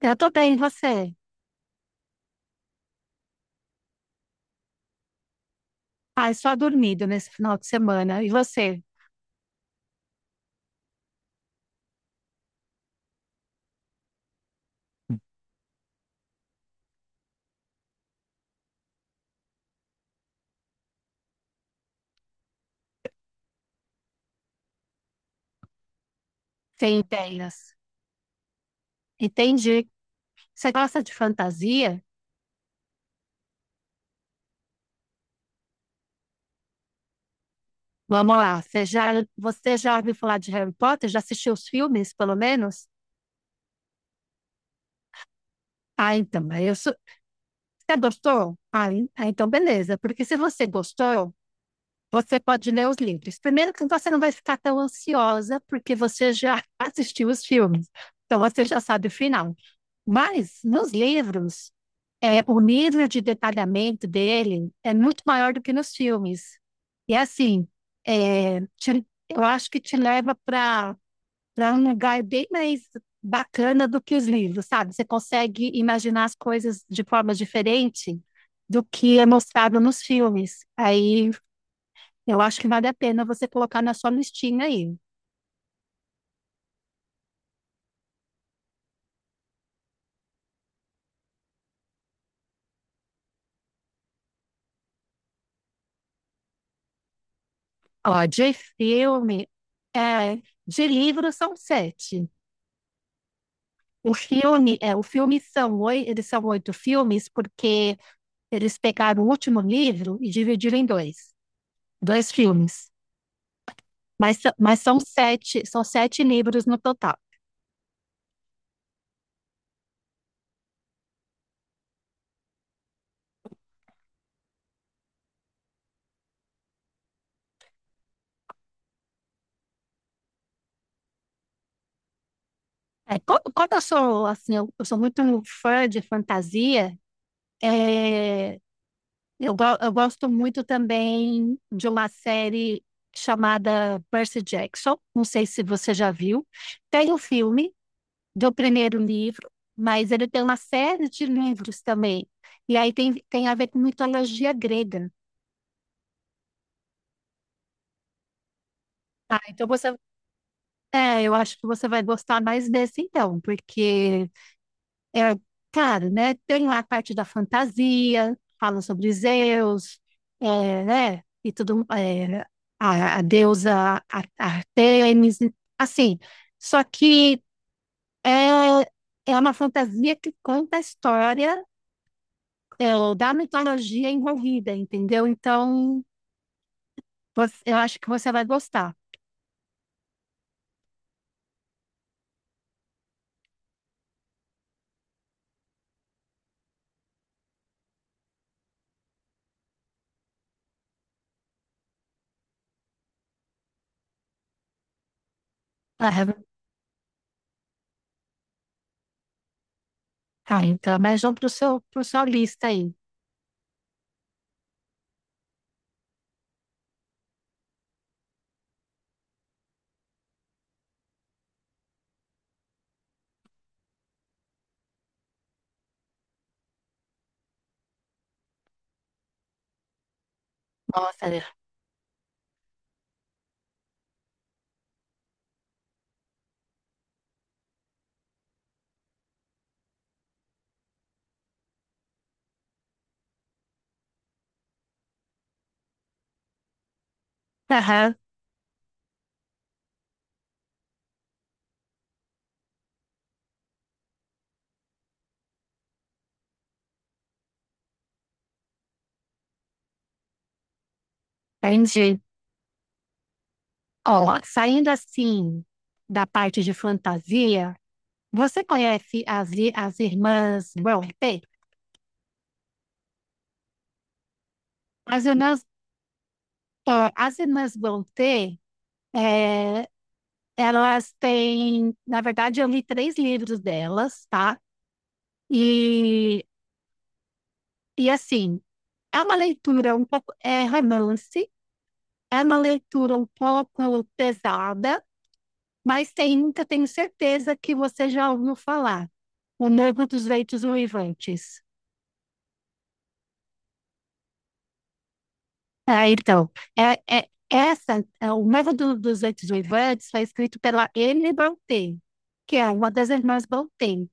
Eu tô bem, e você? Ah, só dormido nesse final de semana. E você? Tem ideias? Entendi. Você gosta de fantasia? Vamos lá. Você já ouviu falar de Harry Potter? Já assistiu os filmes, pelo menos? Ah, então, mas eu sou. Você gostou? Ah, então beleza. Porque se você gostou, você pode ler os livros. Primeiro que você não vai ficar tão ansiosa, porque você já assistiu os filmes. Então você já sabe o final. Mas nos livros, o nível de detalhamento dele é muito maior do que nos filmes. E assim, eu acho que te leva para um lugar bem mais bacana do que os livros, sabe? Você consegue imaginar as coisas de forma diferente do que é mostrado nos filmes. Aí, eu acho que vale a pena você colocar na sua listinha aí. Ó, de filme, é, de livro são sete. O filme são oito, eles são oito filmes porque eles pegaram o último livro e dividiram em dois filmes. Mas são sete livros no total. Quando eu sou assim, eu sou muito fã de fantasia, é, eu gosto muito também de uma série chamada Percy Jackson. Não sei se você já viu. Tem o filme do primeiro livro, mas ele tem uma série de livros também. E aí tem a ver com mitologia grega. Ah, então você. É, eu acho que você vai gostar mais desse então, porque é claro, né? Tem lá a parte da fantasia, fala sobre Zeus, é, né? E tudo, a deusa Artemis, assim. Só que é, é uma fantasia que conta a história, ou da mitologia envolvida, entendeu? Então, eu acho que você vai gostar. Aham. Tá, então, mas vamos para o seu, pro sua lista aí. Nossa, né? Aham, entendi. Ó, saindo assim da parte de fantasia, você conhece as irmãs Brontë? As irmãs, as irmãs Brontë, é, elas têm, na verdade, eu li três livros delas, tá? E, e assim, é uma leitura um pouco, é romance, é uma leitura um pouco pesada, mas ainda tenho certeza que você já ouviu falar. O Novo dos Ventos Uivantes. Ah, então, o dos Ventos Uivantes foi escrito pela Emily Brontë, que é uma das irmãs Brontë.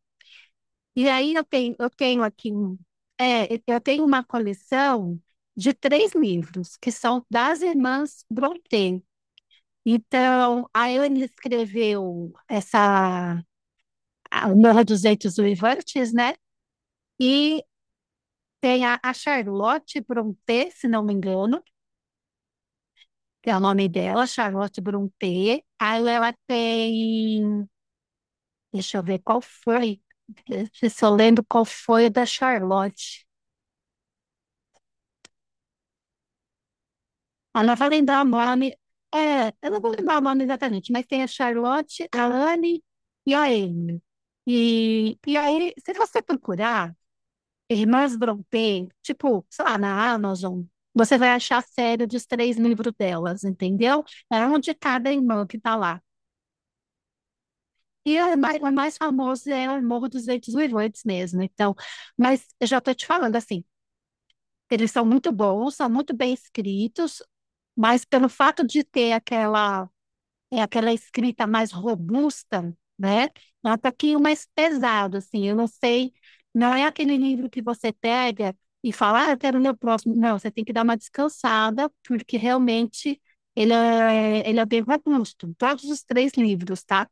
E aí eu tenho aqui, eu tenho uma coleção de três livros, que são das irmãs Brontë. Então, a Ellen escreveu essa a Morra dos Eitos Uivantes, né? E tem a Charlotte Brontë, se não me engano, que é o nome dela, Charlotte Brontë. Aí ela tem, deixa eu ver qual foi, se eu lembro qual foi da Charlotte. Ah, não vou lembrar o nome, eu não vou lembrar o nome exatamente, mas tem a Charlotte, a Anne e a Amy. E aí, se você procurar, Irmãs Brontë, tipo, sei lá, na Amazon, você vai achar a série dos três livros delas, entendeu? É um de cada irmã que tá lá. E a mais famosa é o Morro dos Ventos Uivantes mesmo, então. Mas eu já tô te falando assim, eles são muito bons, são muito bem escritos, mas pelo fato de ter aquela escrita mais robusta, né? Nota que o mais pesado, assim, eu não sei, não é aquele livro que você pega e fala, ah, eu quero ler o próximo. Não, você tem que dar uma descansada, porque realmente ele é bem robusto, todos os três livros, tá?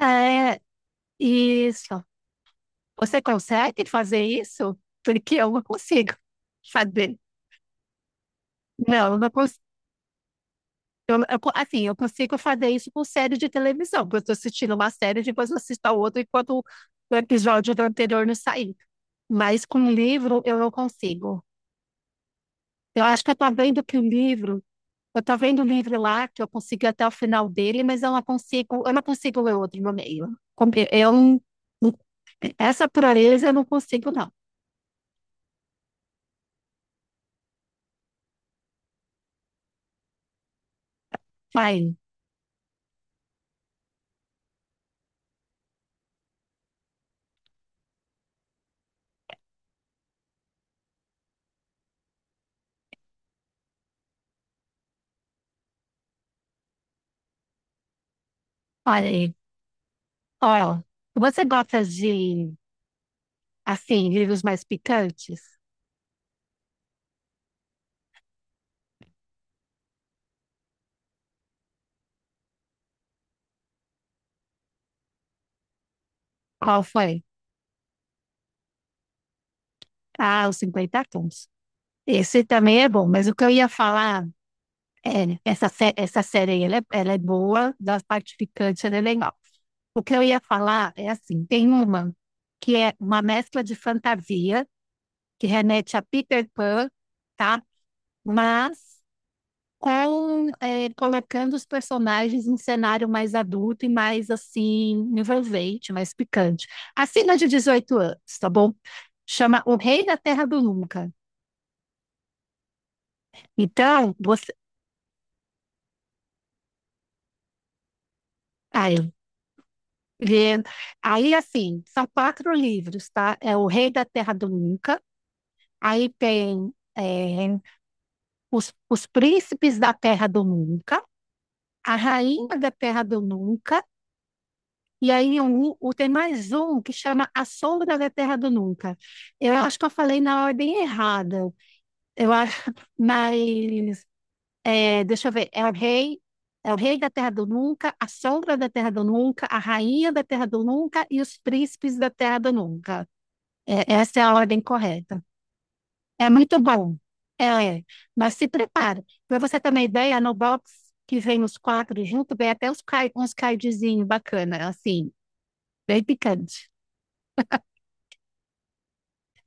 É, isso. Você consegue fazer isso? Porque eu não consigo fazer. Não, eu não consigo. Eu assim, eu consigo fazer isso com série de televisão, porque eu estou assistindo uma série, depois eu assisto a outra enquanto o episódio do anterior não sair. Mas com livro eu não consigo. Eu acho que eu estou vendo que o livro, eu estou vendo o livro lá, que eu consigo ir até o final dele, mas eu não consigo ler outro no meio. Com- Eu, não- não- Essa pureza eu não consigo, não. Vai, olha aí. Olha, você gosta de, assim, livros mais picantes? Qual foi? Ah, os 50 tons. Esse também é bom, mas o que eu ia falar essa série aí, ela é boa, da parte picante ela é legal. O que eu ia falar é assim, tem uma que é uma mescla de fantasia, que remete a Peter Pan, tá? Mas colocando os personagens em cenário mais adulto e mais, assim, envolvente, mais picante. Acima de 18 anos, tá bom? Chama O Rei da Terra do Nunca. Então, você. Ah, e aí, assim, são quatro livros, tá? É O Rei da Terra do Nunca, aí tem os Príncipes da Terra do Nunca, A Rainha da Terra do Nunca, e aí tem mais um que chama A Sombra da Terra do Nunca. Eu acho que eu falei na ordem errada. Eu acho, mas deixa eu ver, é o Rei. É o Rei da Terra do Nunca, a Sombra da Terra do Nunca, a Rainha da Terra do Nunca e os Príncipes da Terra do Nunca. É, essa é a ordem correta. É muito bom. É, é. Mas se prepara. Para você ter uma ideia, no box que vem os quatro junto, vem até uns cardzinhos bacana, assim, bem picante.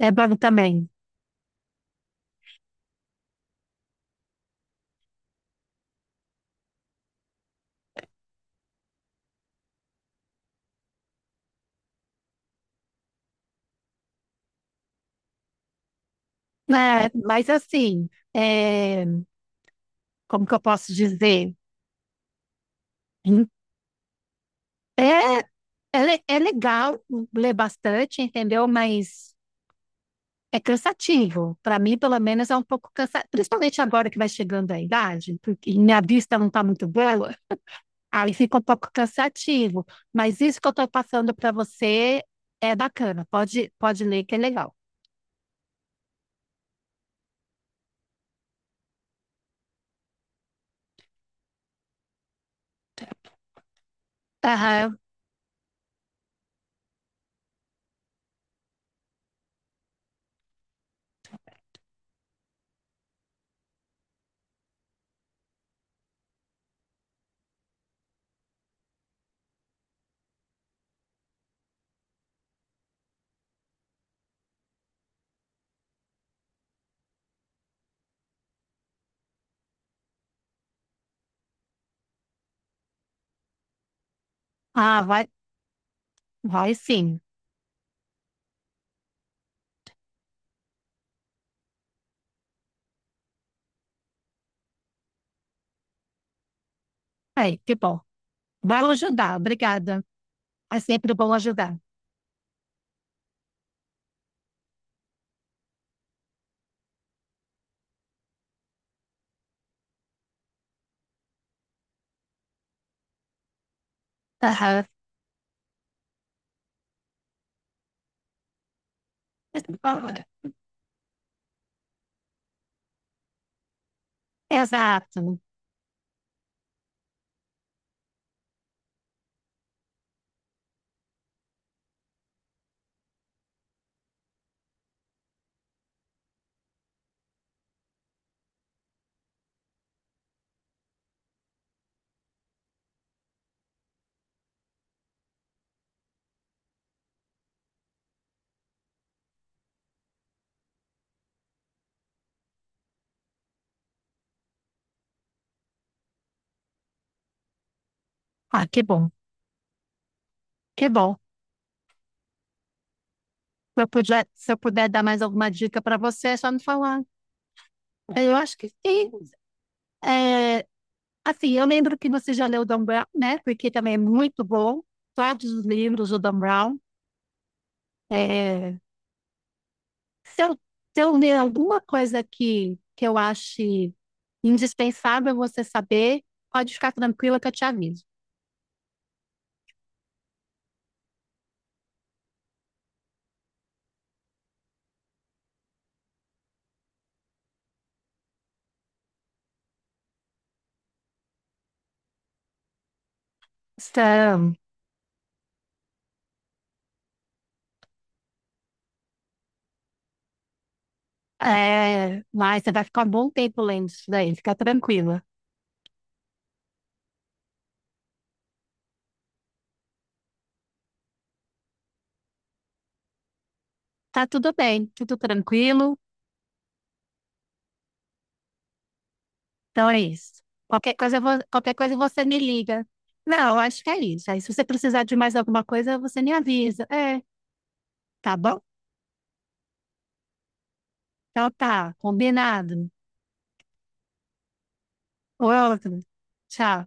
É bom também. É, mas assim, é, como que eu posso dizer? É, é legal ler bastante, entendeu? Mas é cansativo. Para mim, pelo menos, é um pouco cansativo. Principalmente agora que vai chegando a idade, porque minha vista não está muito boa. Aí fica um pouco cansativo, mas isso que eu estou passando para você é bacana. Pode ler que é legal. Aham. Ah, vai, vai sim. Aí, que bom. Vai ajudar, obrigada. É sempre bom ajudar. Aham. Exato. Ah, que bom, que bom. Se eu puder dar mais alguma dica para você, é só me falar. Eu acho que sim. É, assim, eu lembro que você já leu o Dan Brown, né? Porque também é muito bom. Todos os livros do Dan Brown. É, se eu ler alguma coisa que eu ache indispensável você saber, pode ficar tranquila que eu te aviso. Então, mas você vai ficar um bom tempo lendo isso daí, fica tranquila. Tá tudo bem, tudo tranquilo. Então é isso. Qualquer coisa, qualquer coisa você me liga. Não, acho que é isso. Aí, se você precisar de mais alguma coisa, você me avisa. É, tá bom? Então tá, combinado. Outro. Tchau.